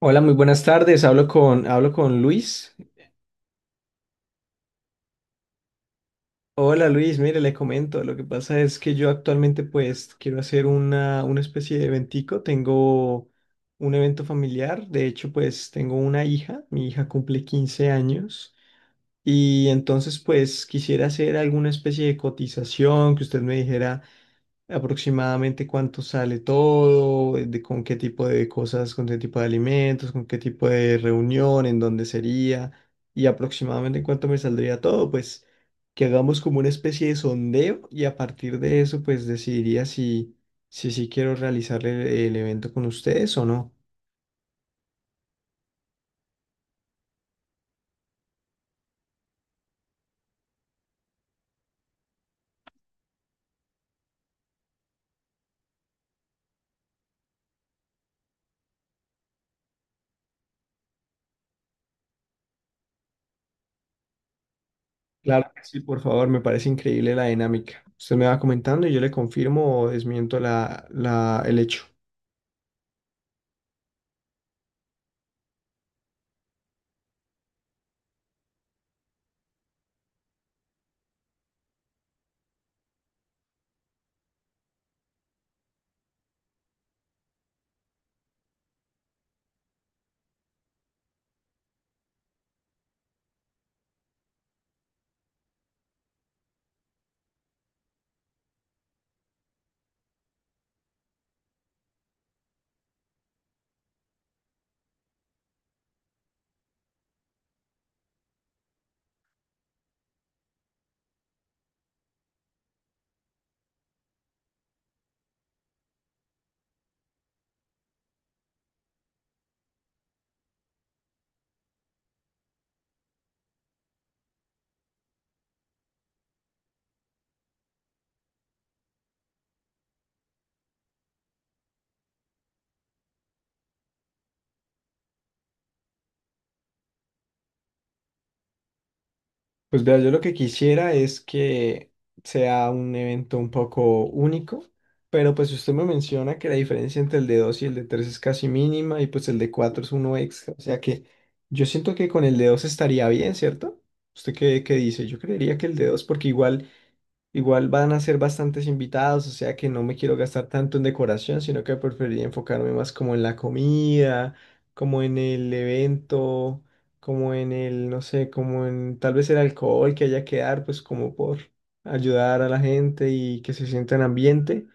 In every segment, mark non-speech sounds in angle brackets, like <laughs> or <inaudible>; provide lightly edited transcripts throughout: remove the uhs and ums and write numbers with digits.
Hola, muy buenas tardes. Hablo con Luis. Hola Luis, mire, le comento. Lo que pasa es que yo actualmente pues quiero hacer una especie de eventico. Tengo un evento familiar. De hecho, pues tengo una hija. Mi hija cumple 15 años. Y entonces pues quisiera hacer alguna especie de cotización que usted me dijera aproximadamente cuánto sale todo, de con qué tipo de cosas, con qué tipo de alimentos, con qué tipo de reunión, en dónde sería y aproximadamente cuánto me saldría todo, pues que hagamos como una especie de sondeo y a partir de eso pues decidiría si si sí quiero realizar el evento con ustedes o no. Claro que sí, por favor, me parece increíble la dinámica. Usted me va comentando y yo le confirmo o desmiento el hecho. Pues vea, yo lo que quisiera es que sea un evento un poco único, pero pues usted me menciona que la diferencia entre el de 2 y el de 3 es casi mínima y pues el de 4 es uno extra, o sea que yo siento que con el de 2 estaría bien, ¿cierto? ¿Usted qué dice? Yo creería que el de 2 porque igual igual van a ser bastantes invitados, o sea que no me quiero gastar tanto en decoración, sino que preferiría enfocarme más como en la comida, como en el evento, como en el, no sé, como en tal vez el alcohol que haya que dar, pues como por ayudar a la gente y que se sienta en ambiente.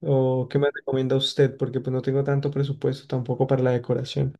¿O qué me recomienda usted? Porque pues no tengo tanto presupuesto tampoco para la decoración.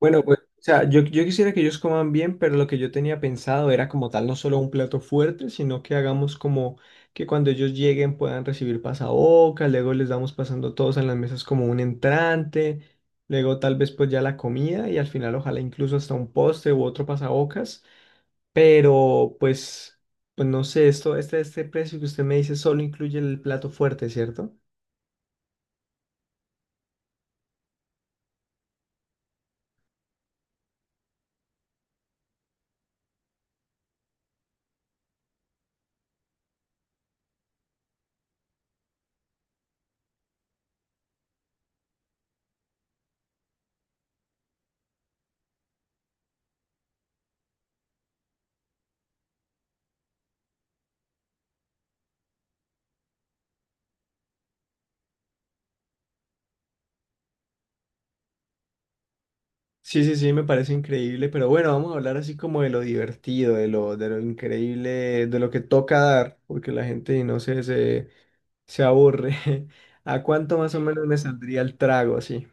Bueno, pues, o sea, yo quisiera que ellos coman bien, pero lo que yo tenía pensado era como tal no solo un plato fuerte, sino que hagamos como que cuando ellos lleguen puedan recibir pasabocas, luego les damos pasando todos en las mesas como un entrante, luego tal vez pues ya la comida y al final ojalá incluso hasta un postre u otro pasabocas, pero pues, pues no sé, este precio que usted me dice solo incluye el plato fuerte, ¿cierto? Sí, sí, sí, me parece increíble, pero bueno, vamos a hablar así como de lo divertido, de lo increíble, de lo que toca dar, porque la gente, no sé, se aburre. <laughs> ¿A cuánto más o menos me saldría el trago así?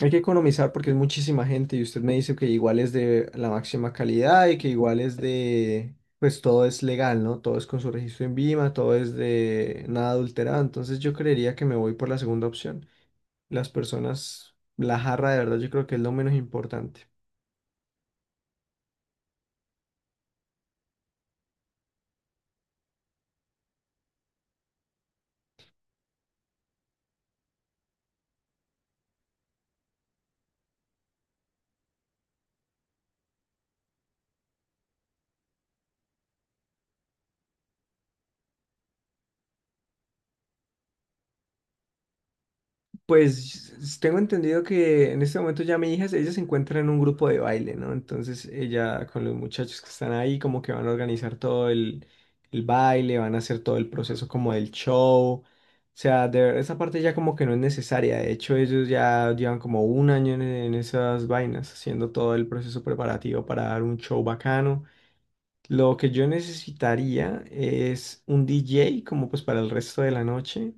Hay que economizar porque es muchísima gente y usted me dice que igual es de la máxima calidad y que igual es de, pues todo es legal, ¿no? Todo es con su registro en Vima, todo es de nada adulterado, entonces yo creería que me voy por la segunda opción. Las personas, la jarra de verdad yo creo que es lo menos importante. Pues tengo entendido que en este momento ya mi hija, ella se encuentra en un grupo de baile, ¿no? Entonces ella con los muchachos que están ahí como que van a organizar todo el baile, van a hacer todo el proceso como del show. O sea, de verdad, esa parte ya como que no es necesaria. De hecho, ellos ya llevan como un año en esas vainas, haciendo todo el proceso preparativo para dar un show bacano. Lo que yo necesitaría es un DJ como pues para el resto de la noche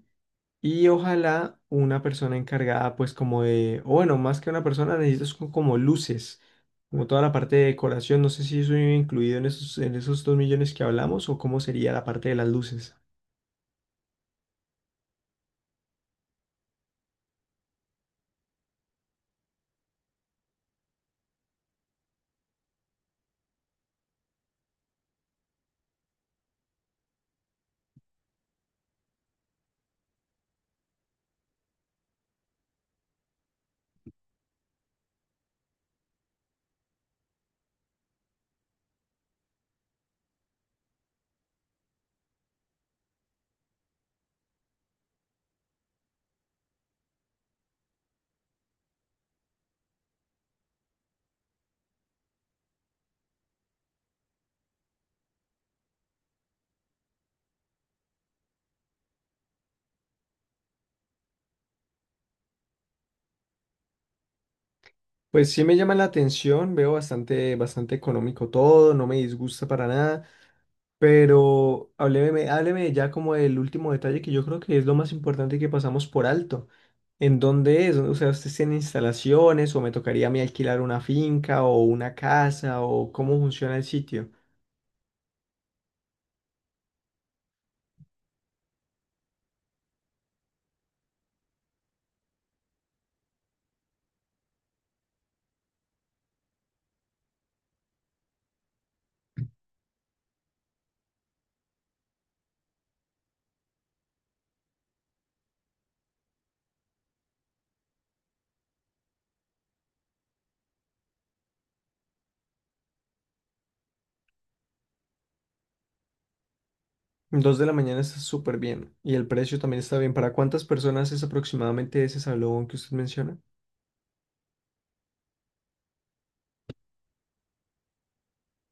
y ojalá una persona encargada, pues como de, o bueno, más que una persona, necesitas como luces, como toda la parte de decoración. No sé si eso iba incluido en en esos 2 millones que hablamos o cómo sería la parte de las luces. Pues sí me llama la atención, veo bastante económico todo, no me disgusta para nada, pero hábleme ya como del último detalle que yo creo que es lo más importante que pasamos por alto. ¿En dónde es? O sea, ¿ustedes tienen instalaciones o me tocaría a mí alquilar una finca o una casa o cómo funciona el sitio? Dos de la mañana está súper bien y el precio también está bien. ¿Para cuántas personas es aproximadamente ese salón que usted menciona?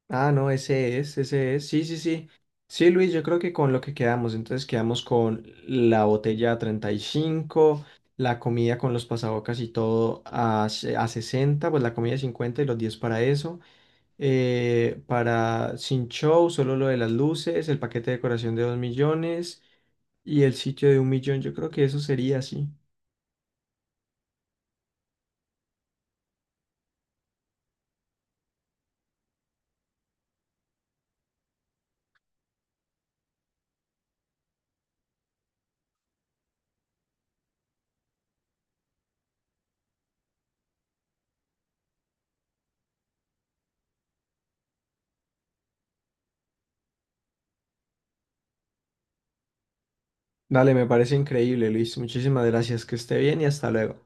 Ah, no, ese es. Sí, sí, sí. Sí, Luis, yo creo que con lo que quedamos, entonces quedamos con la botella a 35, la comida con los pasabocas y todo a, a 60, pues la comida 50 y los 10 para eso. Para Sin Show, solo lo de las luces, el paquete de decoración de 2 millones y el sitio de 1 millón. Yo creo que eso sería así. Dale, me parece increíble, Luis. Muchísimas gracias. Que esté bien y hasta luego.